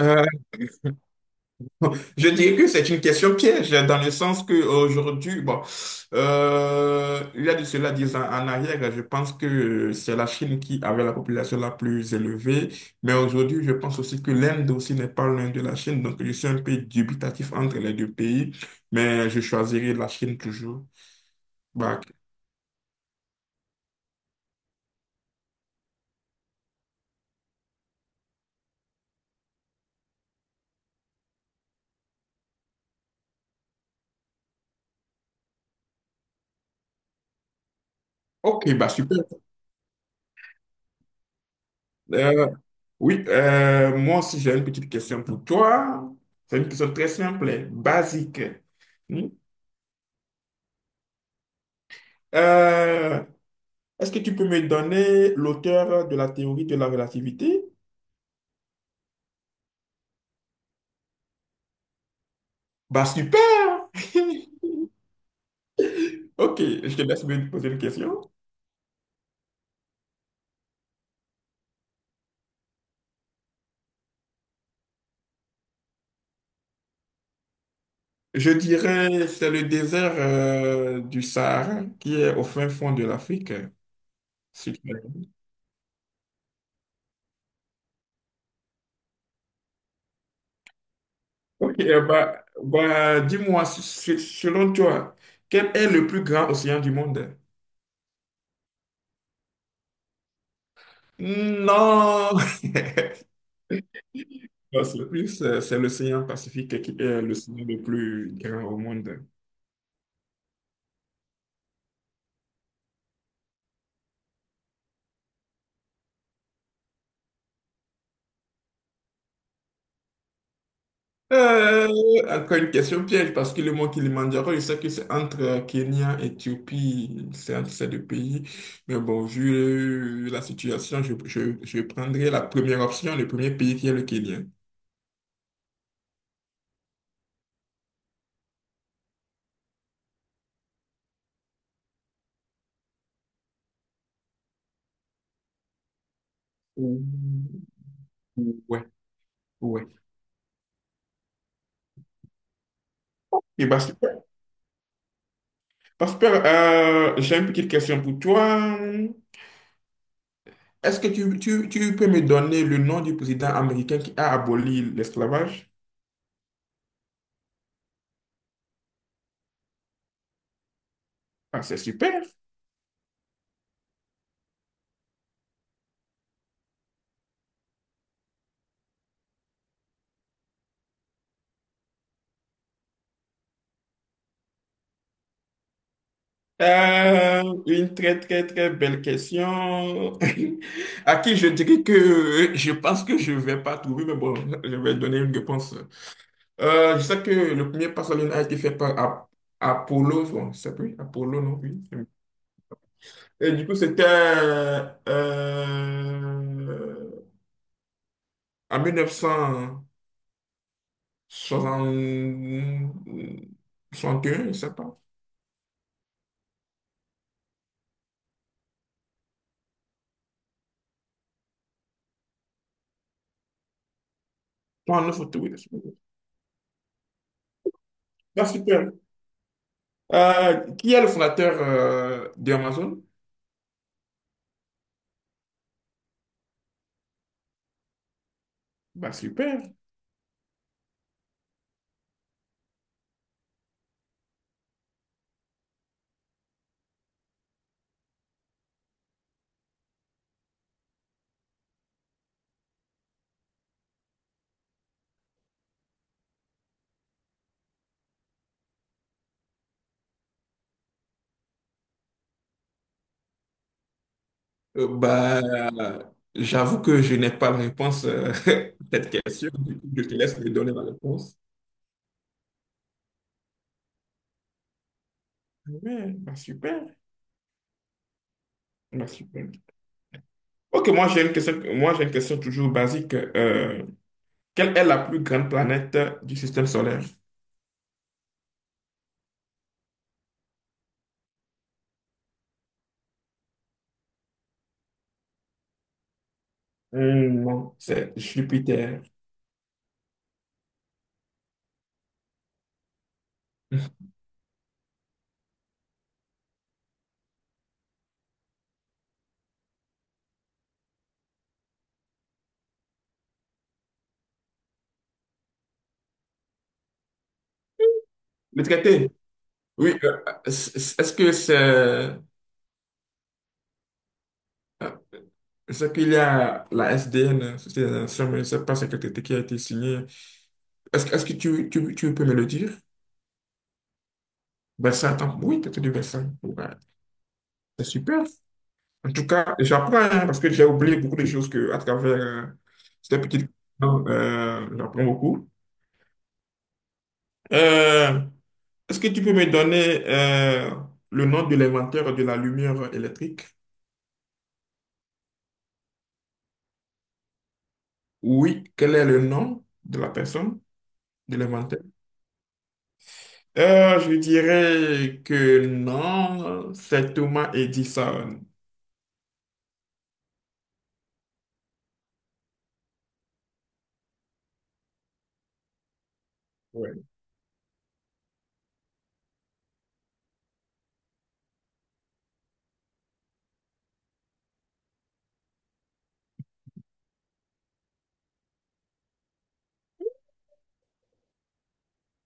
Euh, je dirais que c'est une question piège dans le sens que aujourd'hui, bon, il y a de cela 10 ans en arrière, je pense que c'est la Chine qui avait la population la plus élevée, mais aujourd'hui, je pense aussi que l'Inde aussi n'est pas loin de la Chine, donc je suis un peu dubitatif entre les deux pays, mais je choisirai la Chine toujours. Bah, ok, bah super. Euh, oui, moi aussi j'ai une petite question pour toi. C'est une question très simple, basique. Hmm. Euh, Est-ce que tu peux me donner l'auteur de la théorie de la relativité? Bah super! Ok, je te laisse me poser une question. Je dirais c'est le désert du Sahara qui est au fin fond de l'Afrique. Si tu- Ok, bah, bah, dis-moi, selon toi, quel est le plus grand océan du monde? Hmm, non! Non, c'est l'océan Pacifique qui est l'océan le plus grand au monde. Euh, Encore une question piège, parce que le mot Kilimandjaro, je sais que c'est entre Kenya, Éthiopie, c'est entre ces deux pays. Mais bon, vu la situation, je prendrai la première option, le premier pays qui est le Kenya. Ouh, ouais, ouais. Et bah, super. Bah, super. J'ai une petite question pour toi. Est-ce que tu peux me donner le nom du président américain qui a aboli l'esclavage? Ah, c'est super. Une très très très belle question. À qui je dirais que je pense que je vais pas trouver, mais bon, je vais donner une réponse. Je sais que le premier pas sur la Lune a été fait par Apollo, bon, c'est plus Apollo, non, oui. Et du coup, c'était en 1961, je sais pas. Non, non, faut trouver. Ah, super. Qui est le fondateur d'Amazon? Bah, super. Bah, j'avoue que je n'ai pas la réponse à cette question. Du coup, je te laisse me donner la réponse. Ouais, bah, super. Bah, super. Ok, moi j'ai une question, moi j'ai une question toujours basique. Quelle est la plus grande planète du système solaire? Hmm, non, c'est Jupiter. Le traité? Oui, c- est-ce que c'est... euh, C'est qu'il y a la SDN, Société des Nations, mais je ne sais pas c'est quel traité qui a été signé. Est-ce que tu peux me le dire? Versailles, attends, oui, traité de Versailles. Ouais, c'est super. En tout cas, j'apprends hein, parce que j'ai oublié beaucoup de choses que, à travers cette petite. J'apprends beaucoup. Euh, Est-ce que tu peux me donner le nom de l'inventeur de la lumière électrique? Oui, quel est le nom de la personne, de l'inventeur? Je dirais que non, c'est Thomas Edison. Ouais.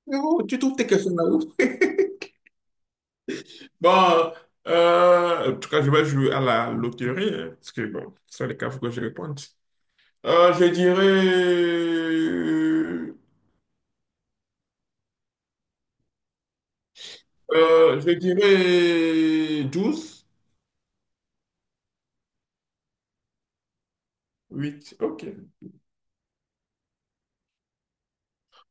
Mais bon, tu trouves tes questions là-haut? Bon, en tout cas, je vais jouer à la loterie, hein, parce que bon, c'est le cas, il faut que je réponde. Euh, je dirais, je dirais 12. Huit, ok.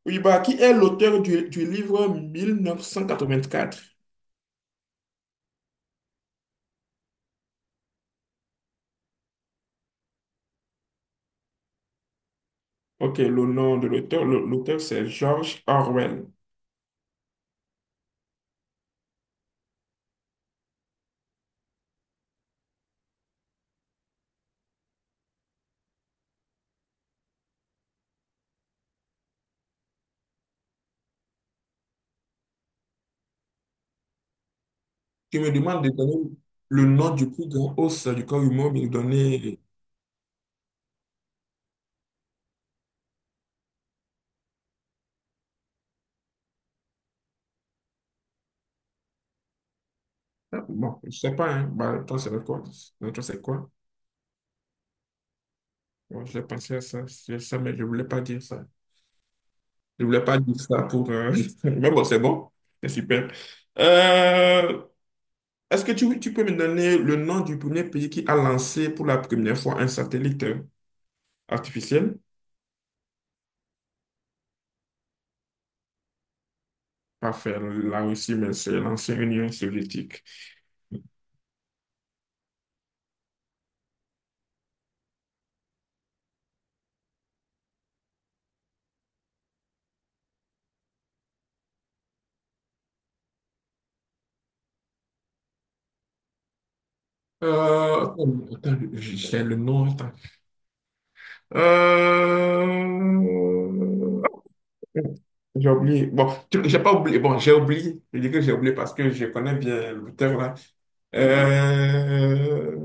Oui, bah, qui est l'auteur du livre 1984? Ok, le nom de l'auteur, l'auteur c'est George Orwell. Tu me demandes de donner le nom du plus grand os du corps humain, mais de donner. Ah, bon, je sais pas, hein. Bah, toi, c'est quoi? Bah, toi, c'est quoi? Bon, j'ai pensé à ça, c'est ça, mais je voulais pas dire ça. Je voulais pas dire ça pour, mais bon. C'est super. Euh, Est-ce que tu peux me donner le nom du premier pays qui a lancé pour la première fois un satellite artificiel? Parfait, la Russie, mais c'est l'ancienne Union soviétique. Attends, attends, j'ai le nom. Attends. Euh, J'ai oublié. Bon, j'ai pas oublié. Bon, j'ai oublié. Je dis que j'ai oublié parce que je connais bien l'auteur là. Euh...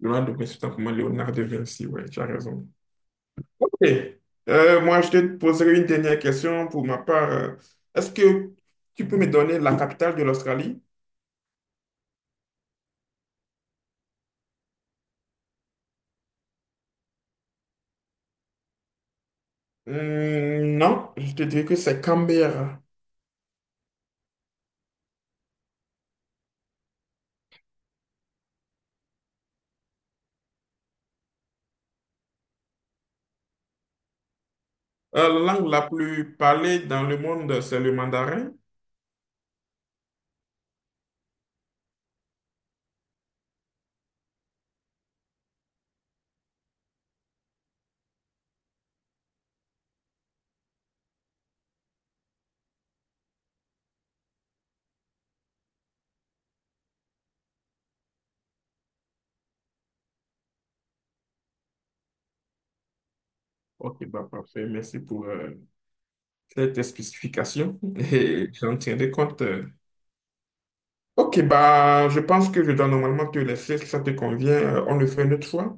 Leonardo, mais c'est pas pour moi, Léonard de Vinci, ouais, tu as raison. Ok. Moi, je te poserai une dernière question pour ma part. Est-ce que tu peux me donner la capitale de l'Australie? Non, je te dirais que c'est Canberra. La langue la plus parlée dans le monde, c'est le mandarin. Ok, bah parfait. Merci pour cette spécification et j'en tiendrai compte. Ok, bah je pense que je dois normalement te laisser si ça te convient. On le fait une autre fois.